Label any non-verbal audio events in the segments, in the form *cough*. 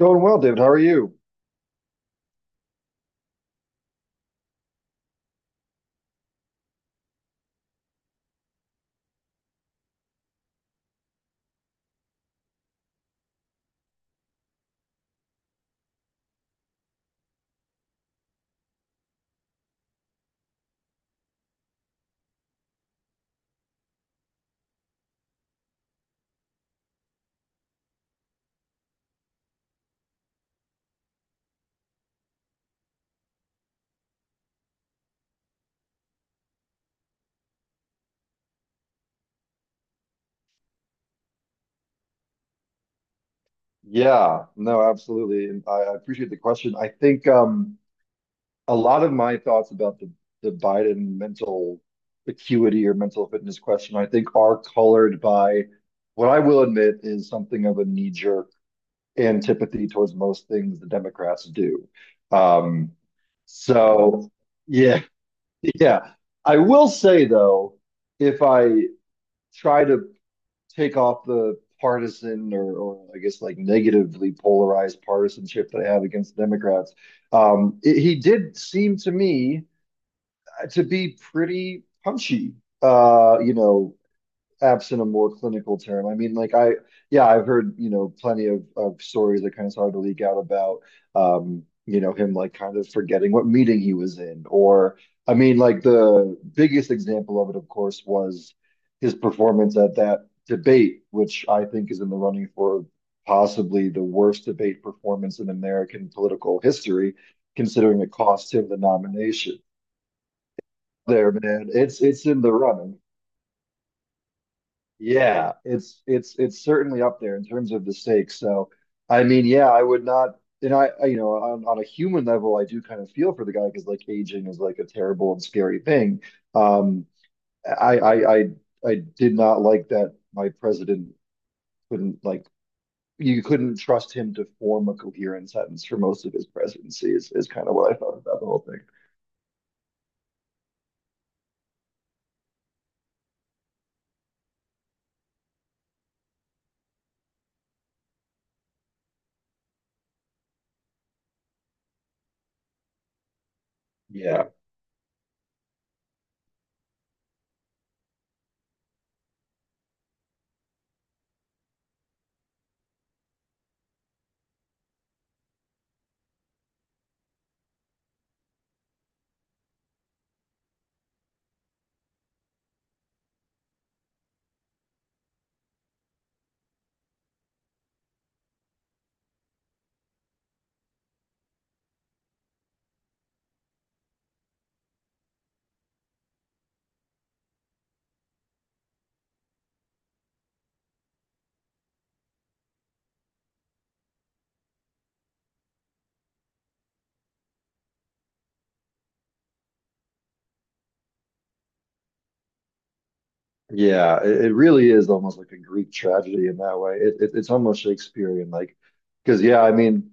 Going well, David. How are you? Yeah, no, absolutely. And I appreciate the question. I think a lot of my thoughts about the Biden mental acuity or mental fitness question, I think are colored by what I will admit is something of a knee-jerk antipathy towards most things the Democrats do. Um, so, yeah, *laughs* yeah. I will say, though, if I try to take off the partisan or I guess like negatively polarized partisanship that I have against Democrats, he did seem to me to be pretty punchy. You know, absent a more clinical term. I mean, yeah, I've heard, you know, plenty of stories that kind of started to leak out about, you know, him like kind of forgetting what meeting he was in. Or, I mean, like the biggest example of it, of course, was his performance at that debate, which I think is in the running for possibly the worst debate performance in American political history, considering it cost him the nomination. There, man, it's in the running. Yeah, it's certainly up there in terms of the stakes. So, I mean, yeah, I would not, and you know, on a human level, I do kind of feel for the guy because like aging is like a terrible and scary thing. Um, I I I I did not like that my president couldn't like you couldn't trust him to form a coherent sentence for most of his presidency is kind of what I thought about the whole thing. Yeah. Yeah, it really is almost like a Greek tragedy in that way. It's almost Shakespearean, like because yeah, I mean,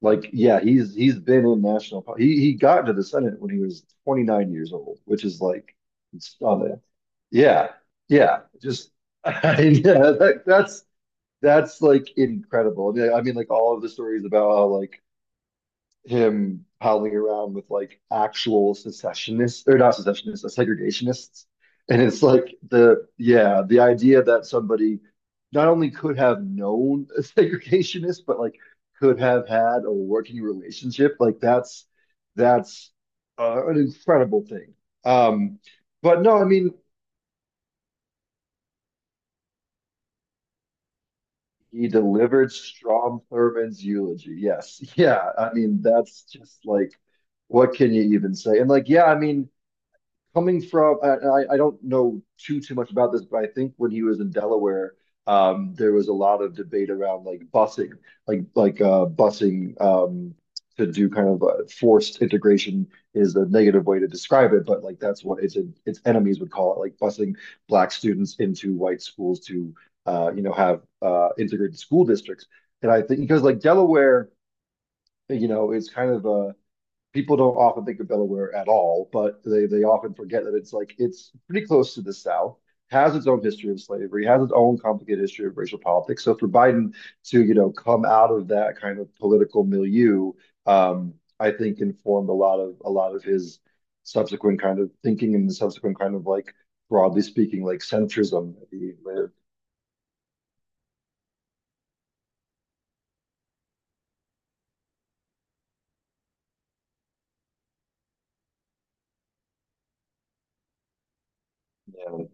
like yeah, he's been in national. He got into the Senate when he was 29 years old, which is like stunning. Yeah, yeah, just *laughs* I mean, yeah, that's like incredible. I mean, like all of the stories about how like him howling around with like actual secessionists or not secessionists, segregationists. And it's like the yeah, the idea that somebody not only could have known *laughs* a segregationist, but like could have had a working relationship, like that's an incredible thing. Um, but no, I mean he delivered Strom Thurmond's eulogy. Yes, *laughs* yeah, I mean that's just like what can you even say? And like yeah, I mean coming from don't know too much about this, but I think when he was in Delaware, there was a lot of debate around like busing, busing to do kind of a forced integration is a negative way to describe it, but like that's what its enemies would call it, like busing black students into white schools to you know have integrated school districts, and I think because like Delaware, you know, it's kind of a people don't often think of Delaware at all, but they often forget that it's like it's pretty close to the South, has its own history of slavery, has its own complicated history of racial politics. So for Biden to, you know, come out of that kind of political milieu, um, I think informed a lot of his subsequent kind of thinking and the subsequent kind of like broadly speaking, like centrism. He lived, you know,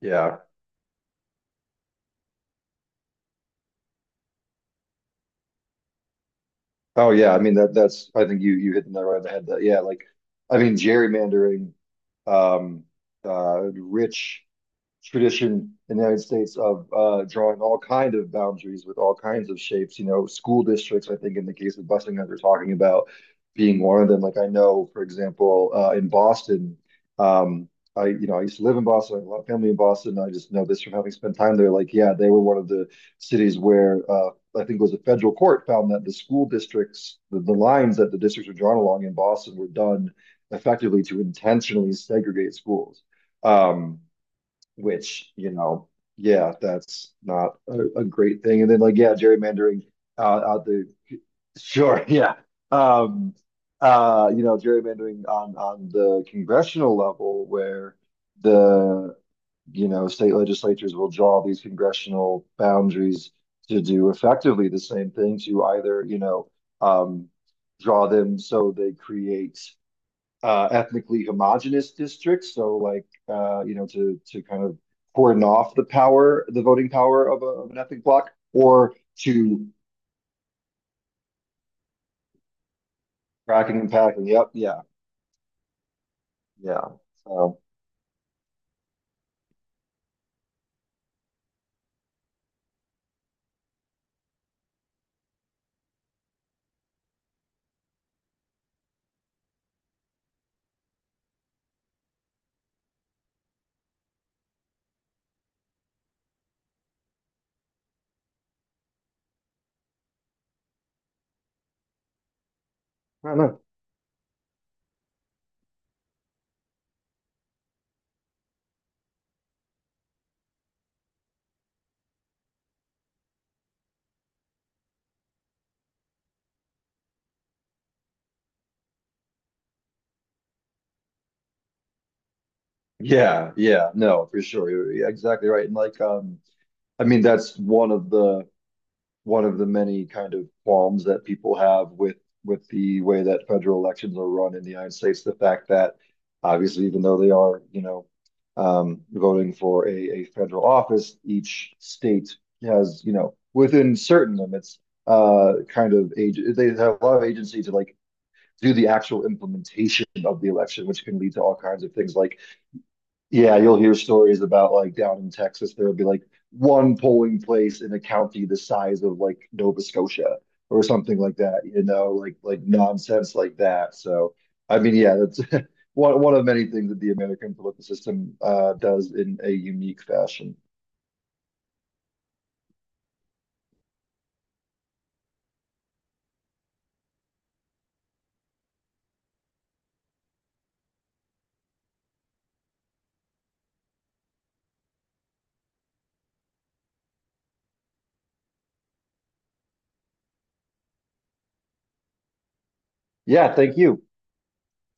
yeah. Oh yeah, I mean that's I think you hit the nail right on the head. That yeah, like I mean gerrymandering, um, rich tradition in the United States of drawing all kind of boundaries with all kinds of shapes. You know, school districts, I think in the case of busing that we're talking about being one of them. Like I know, for example, in Boston, um, you know, I used to live in Boston. I have a lot of family in Boston. I just know this from having spent time there. Like, yeah, they were one of the cities where I think it was a federal court found that the school districts, the lines that the districts were drawn along in Boston were done effectively to intentionally segregate schools. Um, which you know, yeah, that's not a great thing. And then like, yeah, gerrymandering uh, out the sure, *laughs* yeah, um, you know, gerrymandering on the congressional level where the you know state legislatures will draw these congressional boundaries to do effectively the same thing to either you know um, draw them so they create ethnically homogenous districts. So like you know to kind of cordon off the power, the voting power of an ethnic bloc, or to cracking and packing. Yep, yeah, yeah. So I don't know. Yeah, yeah, no, for sure. You're exactly right. And like, I mean, that's one of the many kind of qualms that people have with the way that federal elections are run in the United States. The fact that obviously, even though they are, you know, voting for a federal office, each state has, you know, within certain limits, kind of age. They have a lot of agency to like do the actual implementation of the election, which can lead to all kinds of things like yeah, you'll hear stories about like down in Texas, there'll be like one polling place in a county the size of like Nova Scotia or something like that, you know, like nonsense like that. So, I mean, yeah, that's *laughs* one of many things that the American political system does in a unique fashion. Yeah, thank you.